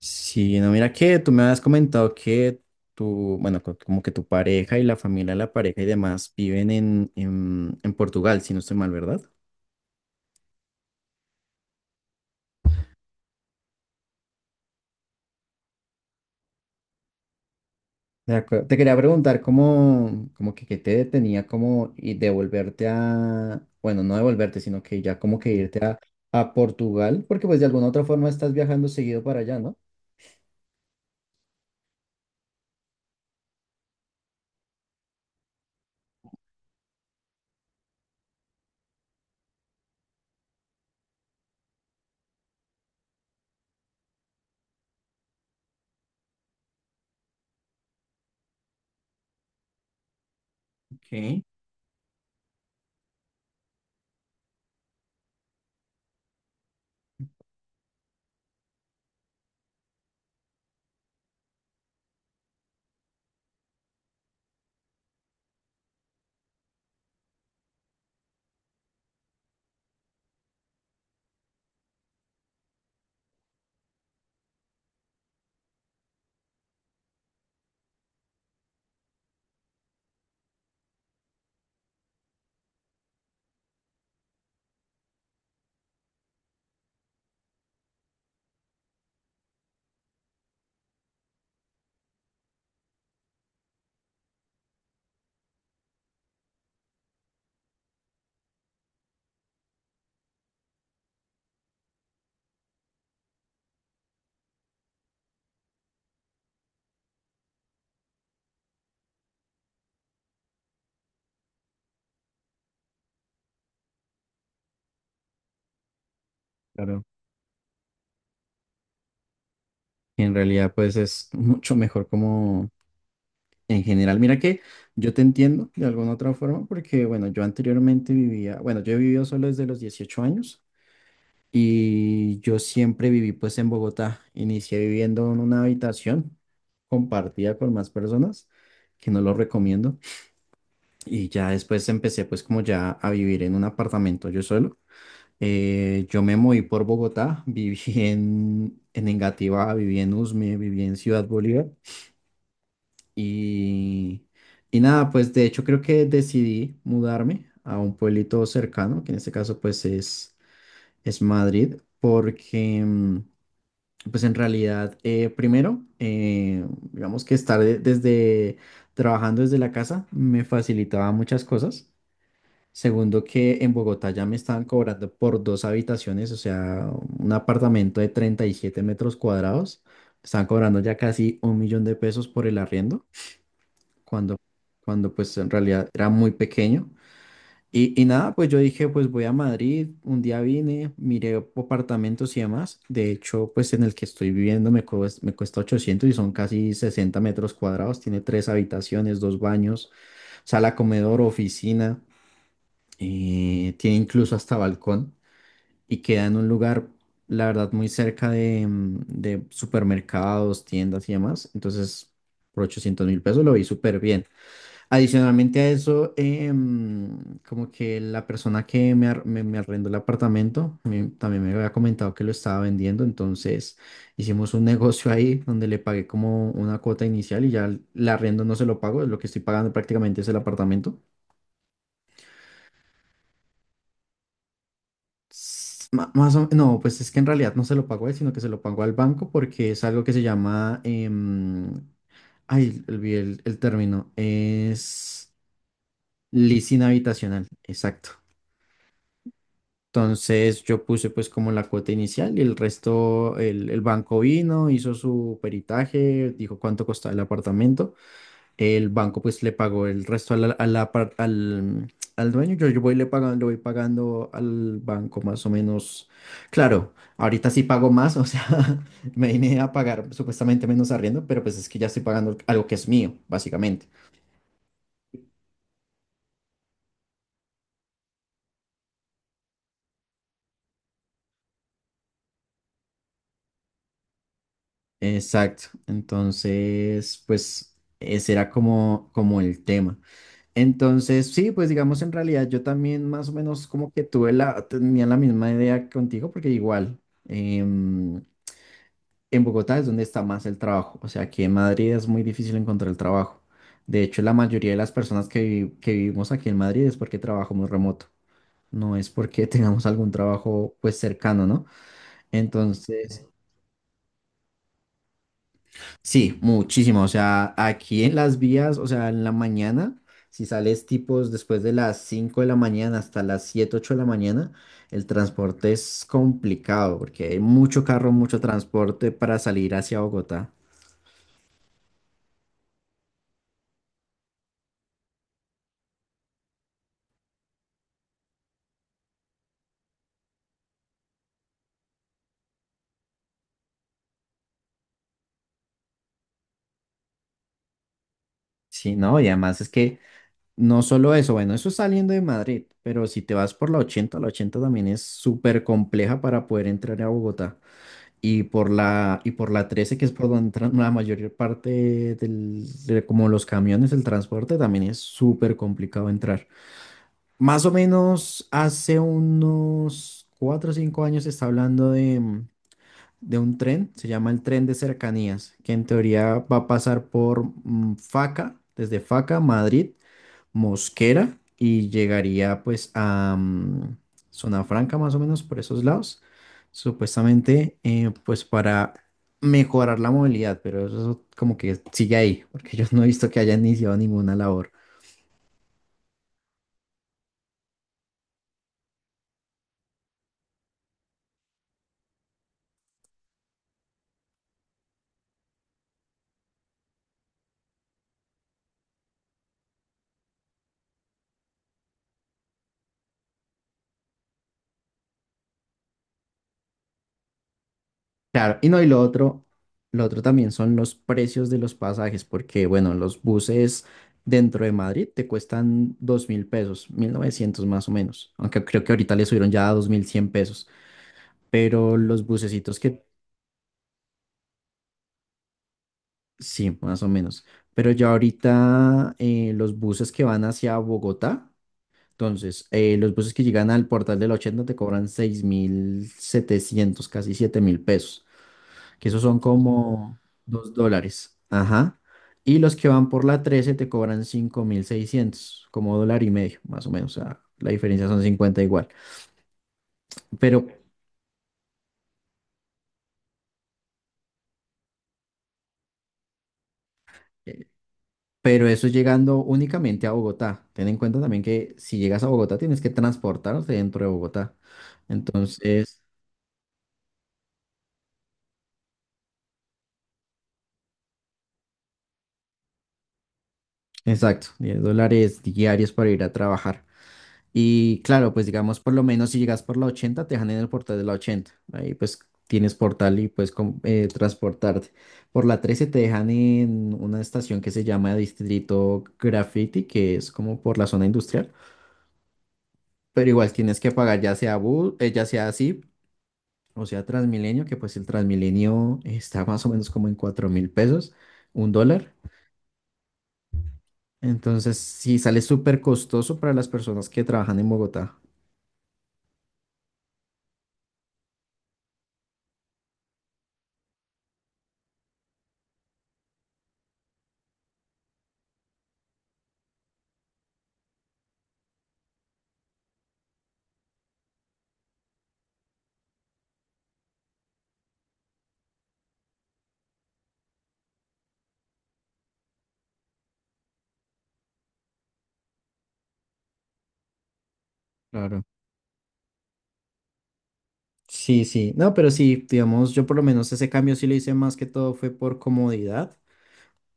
Sí, no, mira que tú me habías comentado que tu, bueno, como que tu pareja y la familia de la pareja y demás viven en Portugal, si no estoy mal, ¿verdad? De acuerdo. Te quería preguntar cómo, como que, qué te detenía como y devolverte a, bueno, no devolverte, sino que ya como que a Portugal, porque pues de alguna u otra forma estás viajando seguido para allá, ¿no? Ok, claro. Y en realidad pues es mucho mejor como. En general, mira que yo te entiendo de alguna otra forma porque, bueno, yo anteriormente vivía, bueno, yo he vivido solo desde los 18 años y yo siempre viví pues en Bogotá. Inicié viviendo en una habitación compartida con más personas, que no lo recomiendo. Y ya después empecé pues como ya a vivir en un apartamento yo solo. Yo me moví por Bogotá, viví en Engativá, viví en Usme, viví en Ciudad Bolívar. Y, y nada, pues de hecho creo que decidí mudarme a un pueblito cercano, que en este caso es Madrid, porque pues en realidad primero, digamos que desde trabajando desde la casa me facilitaba muchas cosas. Segundo, que en Bogotá ya me estaban cobrando por dos habitaciones, o sea, un apartamento de 37 metros cuadrados, me estaban cobrando ya casi un millón de pesos por el arriendo cuando, cuando pues en realidad era muy pequeño. Y nada, pues yo dije, pues voy a Madrid, un día vine, miré apartamentos y demás. De hecho, pues en el que estoy viviendo me cuesta 800 y son casi 60 metros cuadrados. Tiene tres habitaciones, dos baños, sala, comedor, oficina. Tiene incluso hasta balcón y queda en un lugar, la verdad, muy cerca de, de supermercados, tiendas y demás. Entonces, por 800 mil pesos lo vi súper bien. Adicionalmente a eso, como que la persona que me arrendó el apartamento también me había comentado que lo estaba vendiendo, entonces hicimos un negocio ahí donde le pagué como una cuota inicial y ya el arriendo no se lo pago, lo que estoy pagando prácticamente es el apartamento. Más no, pues es que en realidad no se lo pago a él, sino que se lo pago al banco porque es algo que se llama, ay, olvidé el término, es leasing habitacional, exacto. Entonces yo puse pues como la cuota inicial y el resto, el banco vino, hizo su peritaje, dijo cuánto costaba el apartamento. El banco pues le pagó el resto a a al dueño. Yo voy le pagando, le voy pagando al banco más o menos. Claro, ahorita sí pago más, o sea, me vine a pagar supuestamente menos arriendo, pero pues es que ya estoy pagando algo que es mío, básicamente. Exacto. Entonces, pues ese era como, como el tema. Entonces, sí, pues digamos, en realidad yo también más o menos como que tuve tenía la misma idea que contigo, porque igual em, en Bogotá es donde está más el trabajo, o sea aquí en Madrid es muy difícil encontrar el trabajo. De hecho, la mayoría de las personas que vivimos aquí en Madrid es porque trabajamos remoto, no es porque tengamos algún trabajo pues cercano, ¿no? Entonces, sí, muchísimo. O sea, aquí en las vías, o sea, en la mañana, si sales tipos después de las 5 de la mañana hasta las 7 8 de la mañana, el transporte es complicado porque hay mucho carro, mucho transporte para salir hacia Bogotá. Sí, no, y además es que no solo eso, bueno, eso es saliendo de Madrid, pero si te vas por la 80 también es súper compleja para poder entrar a Bogotá. Y por la 13 que es por donde entran la mayor parte de como los camiones, el transporte, también es súper complicado entrar. Más o menos hace unos 4 o 5 años se está hablando de, de un tren, se llama el tren de cercanías, que en teoría va a pasar por Faca, desde Faca, Madrid, Mosquera y llegaría pues a Zona Franca más o menos por esos lados, supuestamente pues para mejorar la movilidad, pero eso como que sigue ahí, porque yo no he visto que hayan iniciado ninguna labor. Claro, y no, y lo otro también son los precios de los pasajes, porque bueno, los buses dentro de Madrid te cuestan dos mil pesos, 1900 más o menos, aunque creo que ahorita le subieron ya a dos mil cien pesos, pero los bucecitos que. Sí, más o menos. Pero ya ahorita los buses que van hacia Bogotá, entonces, los buses que llegan al portal del 80 te cobran 6.700, casi 7.000 pesos, que esos son como 2 dólares. Ajá. Y los que van por la 13 te cobran 5.600, como dólar y medio, más o menos. O sea, la diferencia son 50 igual. Pero, eh, pero eso es llegando únicamente a Bogotá. Ten en cuenta también que si llegas a Bogotá tienes que transportarte dentro de Bogotá. Entonces, exacto, 10 dólares diarios para ir a trabajar. Y claro, pues digamos, por lo menos si llegas por la 80, te dejan en el portal de la 80. Ahí pues tienes portal y puedes transportarte. Por la 13 te dejan en una estación que se llama Distrito Graffiti, que es como por la zona industrial. Pero igual tienes que pagar ya sea bus, ya sea así. O sea, Transmilenio, que pues el Transmilenio está más o menos como en 4 mil pesos, un dólar. Entonces, sí, sale súper costoso para las personas que trabajan en Bogotá. Claro. Sí, sí. No, pero sí, digamos, yo por lo menos ese cambio sí lo hice más que todo fue por comodidad,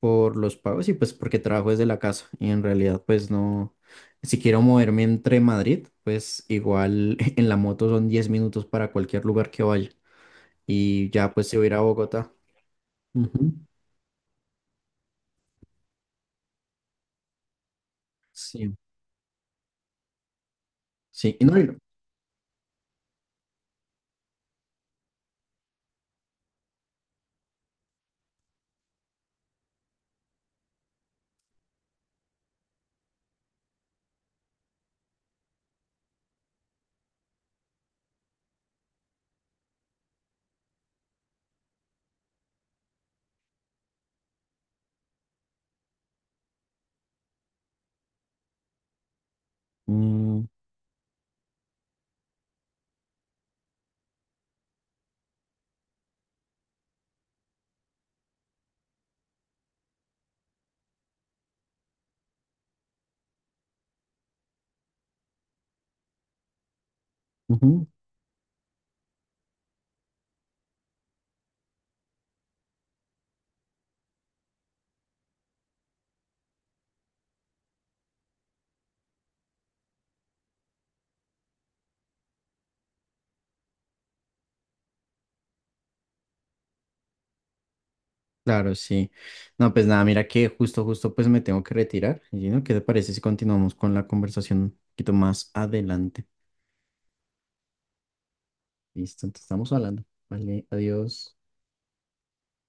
por los pagos y pues porque trabajo desde la casa. Y en realidad, pues no, si quiero moverme entre Madrid, pues igual en la moto son 10 minutos para cualquier lugar que vaya. Y ya pues si voy a ir a Bogotá. Ujú. Sí. Sí, y no, y no. Mm, ujú, claro, sí. No, pues nada, mira que justo, justo, pues me tengo que retirar. Y no, ¿qué te parece si continuamos con la conversación un poquito más adelante? Listo, entonces estamos hablando. Vale, adiós.